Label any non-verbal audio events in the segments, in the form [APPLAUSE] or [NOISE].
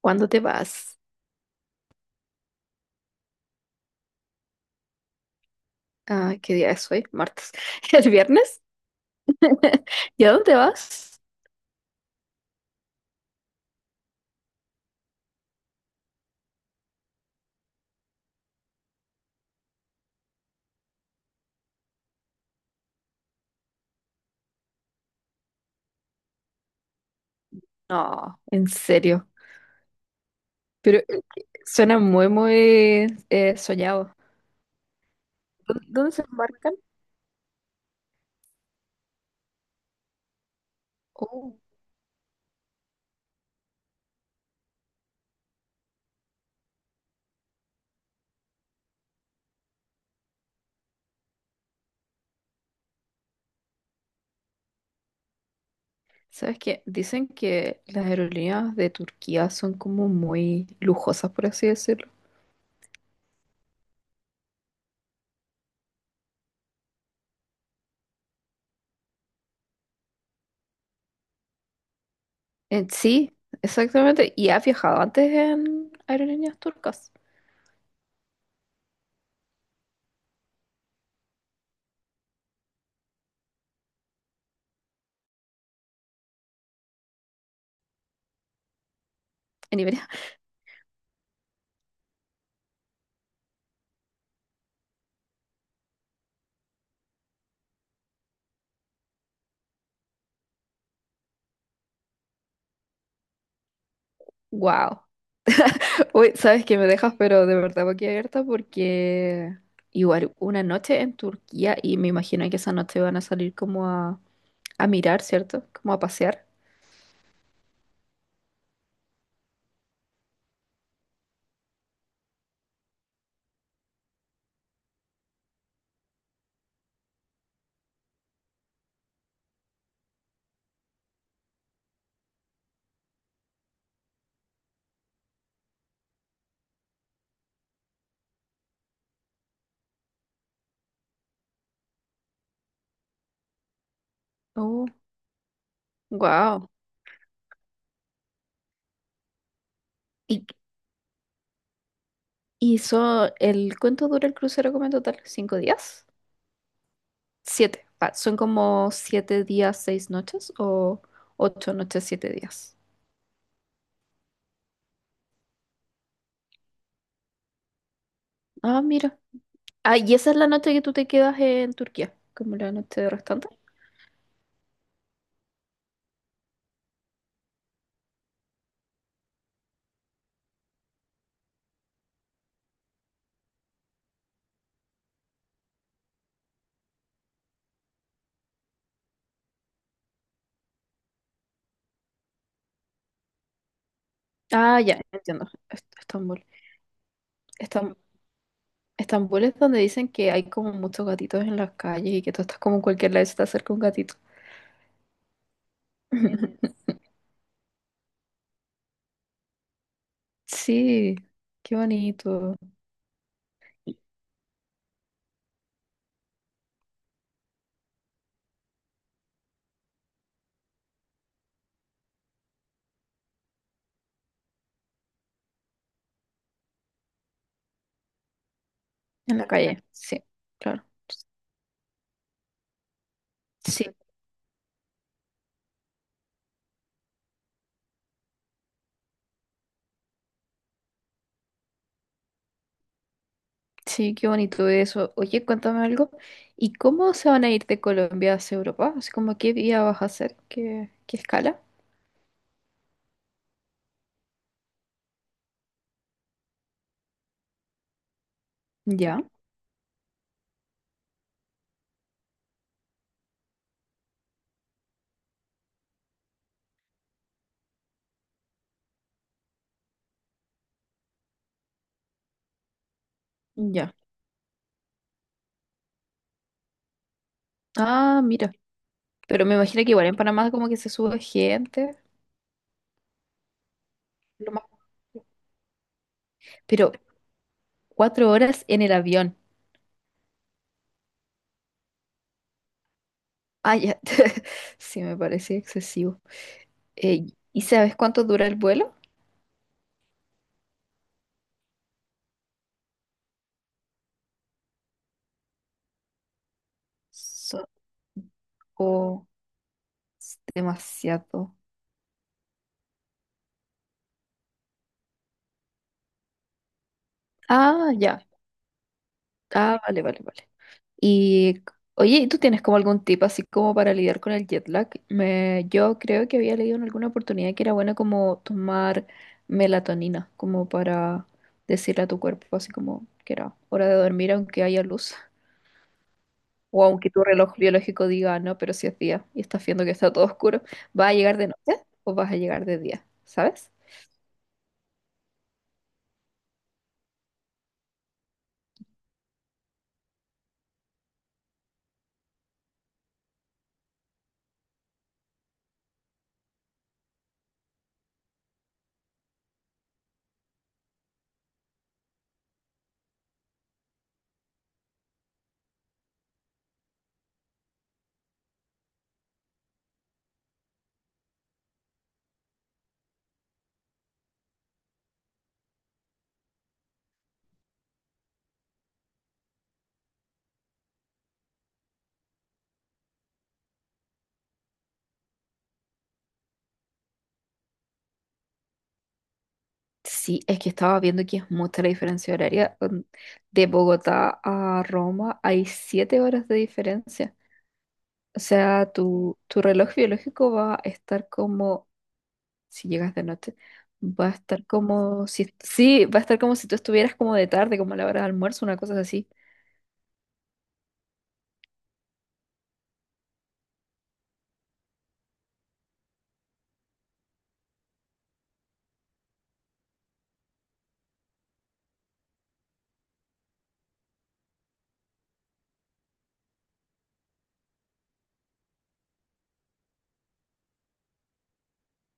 ¿Cuándo te vas? Ah, ¿qué día es hoy? Martes. [LAUGHS] ¿El viernes? [LAUGHS] ¿Y a dónde vas? No, en serio. Pero suena muy, muy, soñado. ¿Dónde se embarcan? Oh, ¿sabes qué? Dicen que las aerolíneas de Turquía son como muy lujosas, por así decirlo. Sí, exactamente. ¿Y has viajado antes en aerolíneas turcas? En Iberia. Wow. Uy, sabes que me dejas, pero de verdad abierta porque igual una noche en Turquía y me imagino que esa noche van a salir como a mirar, ¿cierto? Como a pasear. Oh, wow. ¿Y, el cuánto dura el crucero como en total? ¿Cinco días? Siete. Ah, ¿son como siete días, seis noches o ocho noches, siete días? Ah, mira. Ah, y esa es la noche que tú te quedas en Turquía, como la noche restante. Ah, ya, entiendo. Estambul. Estam- Estambul es donde dicen que hay como muchos gatitos en las calles y que tú estás como en cualquier lado y se te acerca un gatito. [LAUGHS] Sí, qué bonito. En la calle, sí, claro. Sí, sí, qué bonito eso. Oye, cuéntame algo. ¿Y cómo se van a ir de Colombia hacia Europa? Así como, ¿qué día vas a hacer? ¿Qué, qué escala? Ya, ya. Ah, mira. Pero me imagino que igual en Panamá como que se sube gente. Lo más... Pero cuatro horas en el avión. Ah, ya. [LAUGHS] Sí, me parece excesivo. Eh, ¿Y sabes cuánto dura el vuelo? Son... o- es demasiado. Ah, ya. Ah, vale, vale, vale. Y, oye, ¿tú tienes como algún tip así como para lidiar con el jet lag? Me, yo creo que había leído en alguna oportunidad que era bueno como tomar melatonina, como para decirle a tu cuerpo así como que era hora de dormir aunque haya luz. O aunque tu reloj biológico diga, no, pero si es día y estás viendo que está todo oscuro, ¿vas a llegar de noche o vas a llegar de día? ¿Sabes? Sí, es que estaba viendo que es mucha la diferencia horaria. De Bogotá a Roma hay 7 horas de diferencia. O sea, tu reloj biológico va a estar como, si llegas de noche, va a estar como si, sí, va a estar como si tú estuvieras como de tarde, como a la hora de almuerzo, una cosa así.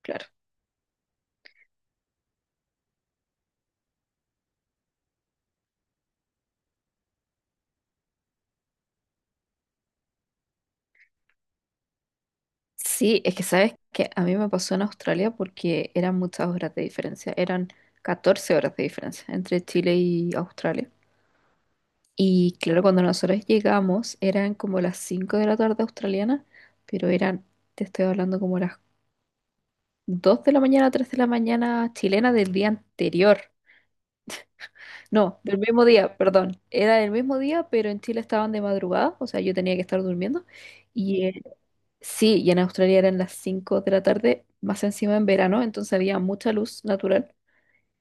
Claro. Sí, es que sabes que a mí me pasó en Australia porque eran muchas horas de diferencia, eran 14 horas de diferencia entre Chile y Australia. Y claro, cuando nosotros llegamos eran como las 5 de la tarde australiana, pero eran, te estoy hablando como las 2 de la mañana, 3 de la mañana chilena del día anterior. No, del mismo día, perdón. Era el mismo día, pero en Chile estaban de madrugada, o sea, yo tenía que estar durmiendo. Y eh, sí, y en Australia eran las 5 de la tarde, más encima en verano, entonces había mucha luz natural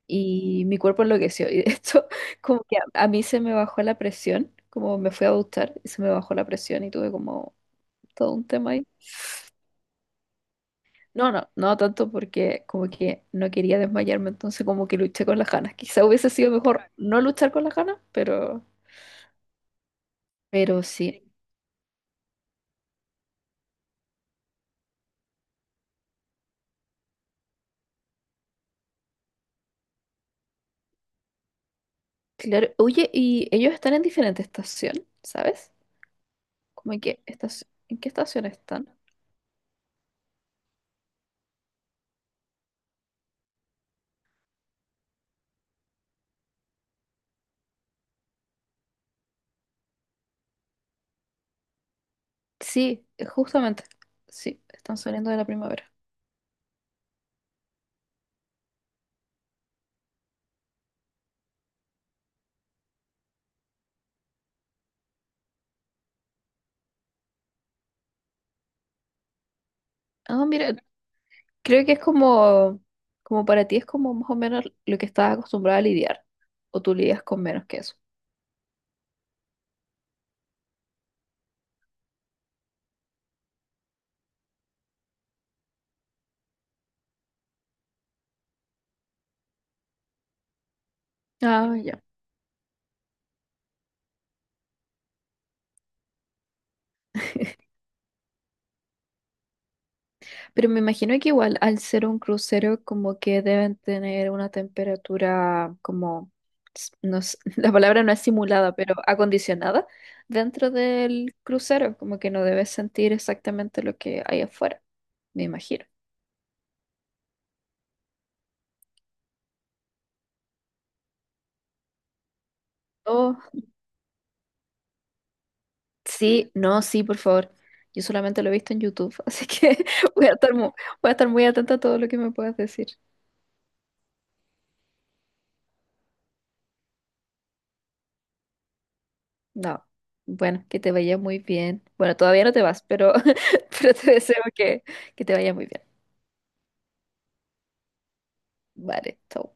y mi cuerpo enloqueció. Y de hecho, [LAUGHS] como que a mí se me bajó la presión, como me fui a duchar y se me bajó la presión y tuve como todo un tema ahí. No, no tanto porque como que no quería desmayarme, entonces como que luché con las ganas. Quizá hubiese sido mejor no luchar con las ganas, pero sí. Claro, oye, y ellos están en diferente estación, ¿sabes? Como ¿en qué estación están? Sí, justamente. Sí, están saliendo de la primavera. Ah, mira, creo que es como, como para ti es como más o menos lo que estás acostumbrada a lidiar, o tú lidias con menos que eso. Ah, ya. Pero me imagino que igual al ser un crucero como que deben tener una temperatura como, s- no s- [LAUGHS] la palabra no es simulada, pero acondicionada dentro del crucero, como que no debes sentir exactamente lo que hay afuera, me imagino. Oh, sí, no, sí, por favor. Yo solamente lo he visto en YouTube, [LAUGHS] así que voy a estar muy, voy a estar muy atenta a todo lo que me puedas decir. No, bueno, que te vaya muy bien. Bueno, todavía no te vas, pero, [LAUGHS] pero te deseo que te vaya muy bien. Vale, chau.